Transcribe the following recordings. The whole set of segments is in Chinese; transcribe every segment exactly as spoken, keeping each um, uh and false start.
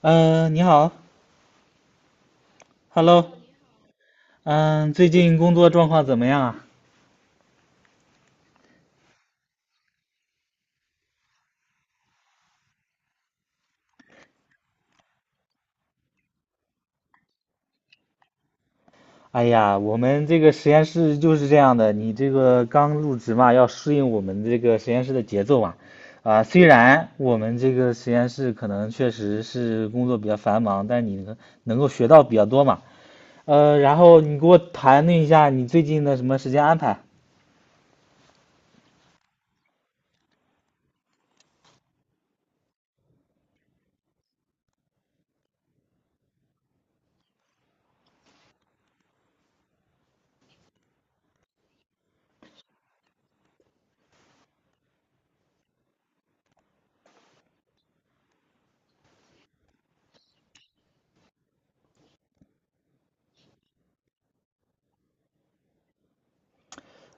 嗯，你好，Hello，嗯，最近工作状况怎么样啊？哎呀，我们这个实验室就是这样的，你这个刚入职嘛，要适应我们这个实验室的节奏嘛。啊，虽然我们这个实验室可能确实是工作比较繁忙，但你能能够学到比较多嘛。呃，然后你给我谈论一下你最近的什么时间安排？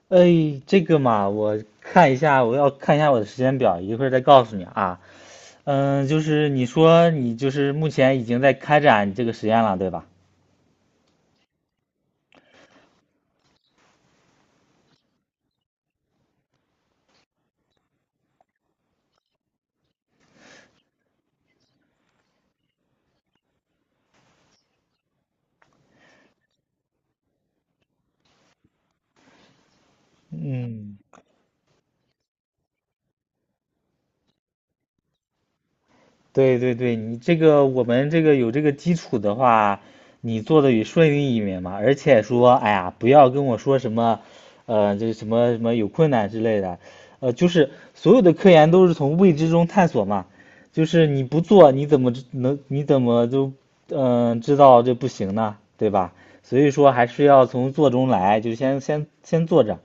哎，这个嘛，我看一下，我要看一下我的时间表，一会儿再告诉你啊。嗯，就是你说你就是目前已经在开展这个实验了，对吧？嗯，对对对，你这个我们这个有这个基础的话，你做的也顺利一点嘛。而且说，哎呀，不要跟我说什么，呃，这什么什么有困难之类的，呃，就是所有的科研都是从未知中探索嘛。就是你不做，你怎么知能你怎么就嗯、呃知道这不行呢？对吧？所以说还是要从做中来，就先先先做着。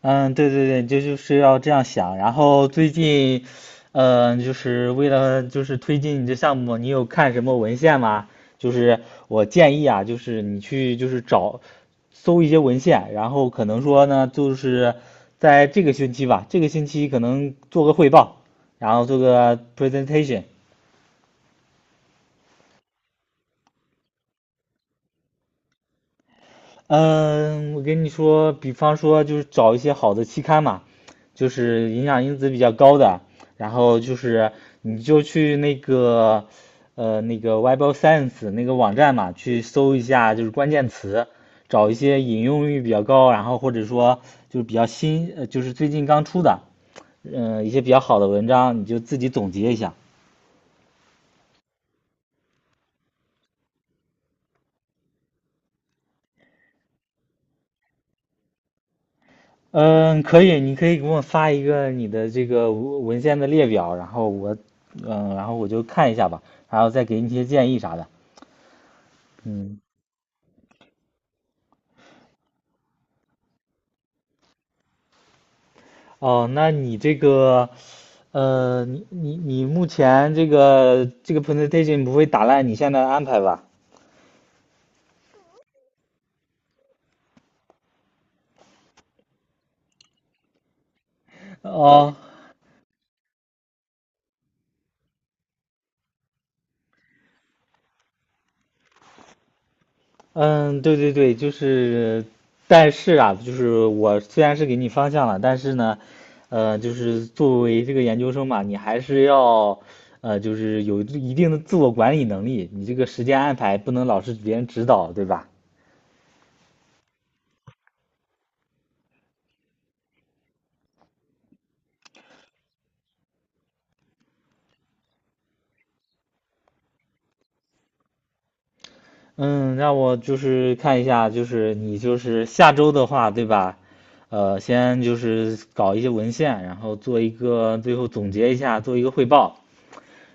嗯，对对对，这就是要这样想。然后最近，嗯，就是为了就是推进你这项目，你有看什么文献吗？就是我建议啊，就是你去就是找搜一些文献，然后可能说呢，就是在这个星期吧，这个星期可能做个汇报，然后做个 presentation。嗯，我跟你说，比方说就是找一些好的期刊嘛，就是影响因子比较高的，然后就是你就去那个呃那个 Web of Science 那个网站嘛，去搜一下就是关键词，找一些引用率比较高，然后或者说就是比较新，呃就是最近刚出的，嗯、一些比较好的文章，你就自己总结一下。嗯，可以，你可以给我发一个你的这个文文献的列表，然后我，嗯，然后我就看一下吧，然后再给你一些建议啥的。嗯，哦，那你这个，呃，你你你目前这个这个 presentation 不会打烂你现在的安排吧？哦，嗯，对对对，就是，但是啊，就是我虽然是给你方向了，但是呢，呃，就是作为这个研究生嘛，你还是要，呃，就是有一定的自我管理能力，你这个时间安排不能老是别人指导，对吧？嗯，让我就是看一下，就是你就是下周的话，对吧？呃，先就是搞一些文献，然后做一个最后总结一下，做一个汇报。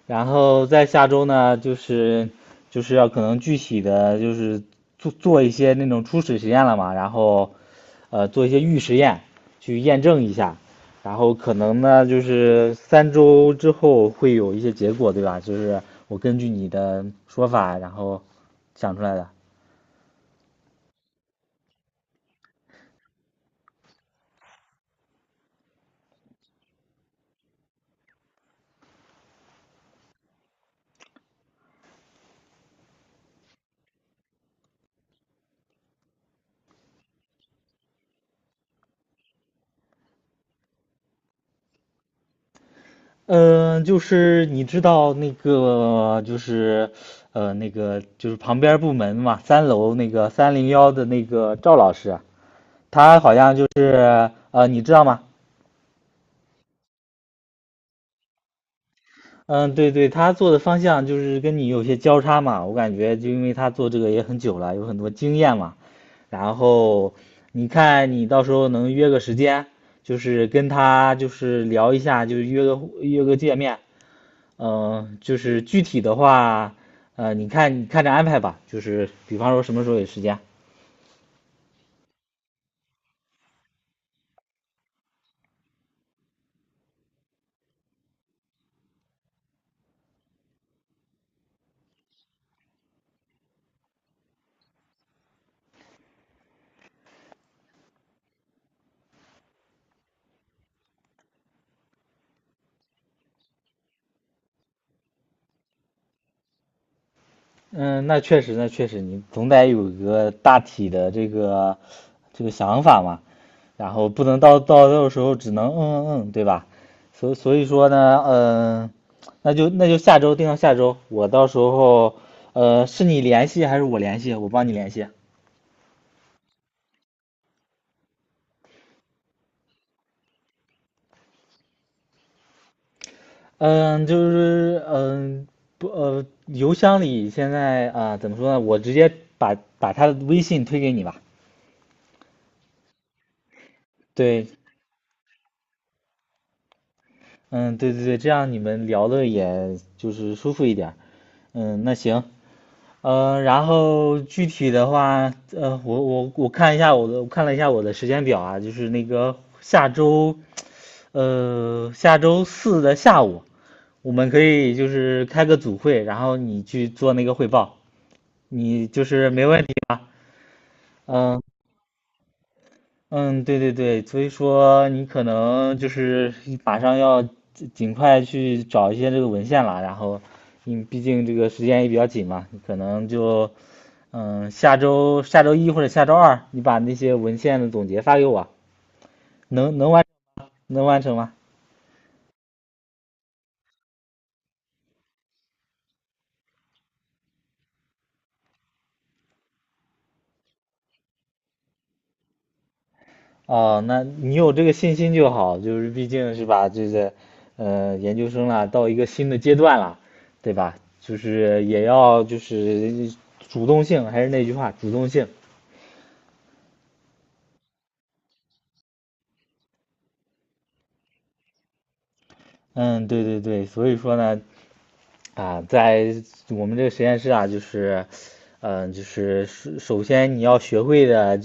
然后在下周呢，就是就是要可能具体的就是做做一些那种初始实验了嘛，然后呃做一些预实验去验证一下，然后可能呢就是三周之后会有一些结果，对吧？就是我根据你的说法，然后想出来的。嗯，就是你知道那个就是呃那个就是旁边部门嘛，三楼那个三零幺的那个赵老师。他好像就是呃，你知道吗？嗯，对对，他做的方向就是跟你有些交叉嘛，我感觉就因为他做这个也很久了，有很多经验嘛。然后你看你到时候能约个时间，就是跟他就是聊一下，就是约个约个见面。嗯，就是具体的话，呃，你看你看着安排吧，就是比方说什么时候有时间。嗯，那确实，那确实，你总得有一个大体的这个这个想法嘛，然后不能到到到时候只能嗯嗯嗯，对吧？所以所以说呢，嗯、那就那就下周定到下周，我到时候呃是你联系还是我联系？我帮你联系。嗯，就是嗯不呃，邮箱里现在啊、怎么说呢？我直接把把他的微信推给你吧。对，嗯，对对对，这样你们聊的也就是舒服一点儿。嗯，那行，呃，然后具体的话，呃，我我我看一下我的，我看了一下我的时间表啊，就是那个下周，呃，下周四的下午，我们可以就是开个组会，然后你去做那个汇报，你就是没问题吧？嗯、嗯，对对对，所以说你可能就是马上要尽尽快去找一些这个文献了，然后你毕竟这个时间也比较紧嘛，你可能就嗯下周下周一或者下周二，你把那些文献的总结发给我，能能完能完成吗？哦，那你有这个信心就好，就是毕竟是吧，这个呃研究生了，到一个新的阶段了，对吧？就是也要就是主动性，还是那句话，主动性。嗯，对对对，所以说呢，啊，在我们这个实验室啊，就是，嗯、就是首首先你要学会的，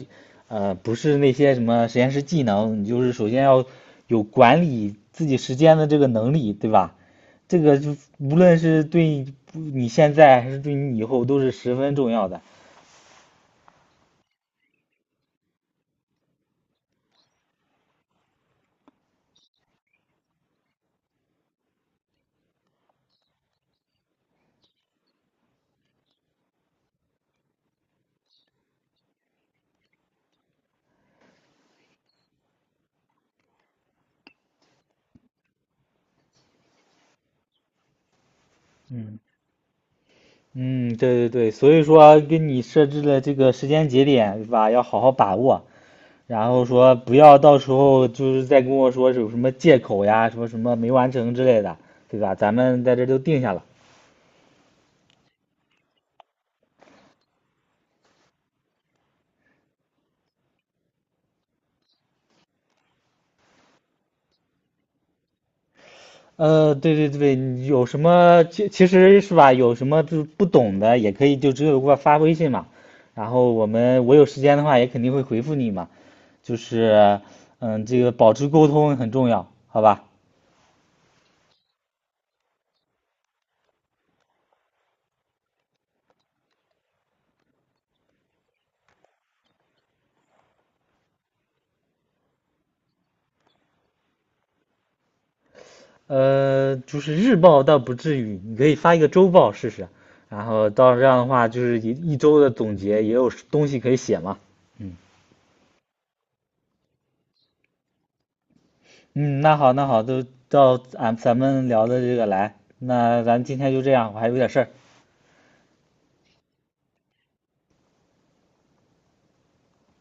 呃，不是那些什么实验室技能，你就是首先要有管理自己时间的这个能力，对吧？这个就无论是对你现在还是对你以后都是十分重要的。嗯嗯，对对对，所以说跟你设置的这个时间节点，对吧？要好好把握。然后说不要到时候就是再跟我说有什么借口呀，说什么没完成之类的，对吧？咱们在这都定下了。呃，对对对，有什么其其实是吧，有什么就是不懂的也可以就直接给我发微信嘛，然后我们我有时间的话也肯定会回复你嘛，就是嗯，这个保持沟通很重要，好吧？呃，就是日报倒不至于，你可以发一个周报试试，然后到这样的话，就是一一周的总结也有东西可以写嘛。嗯嗯，那好那好，都到咱咱们聊的这个来，那咱今天就这样，我还有点事儿。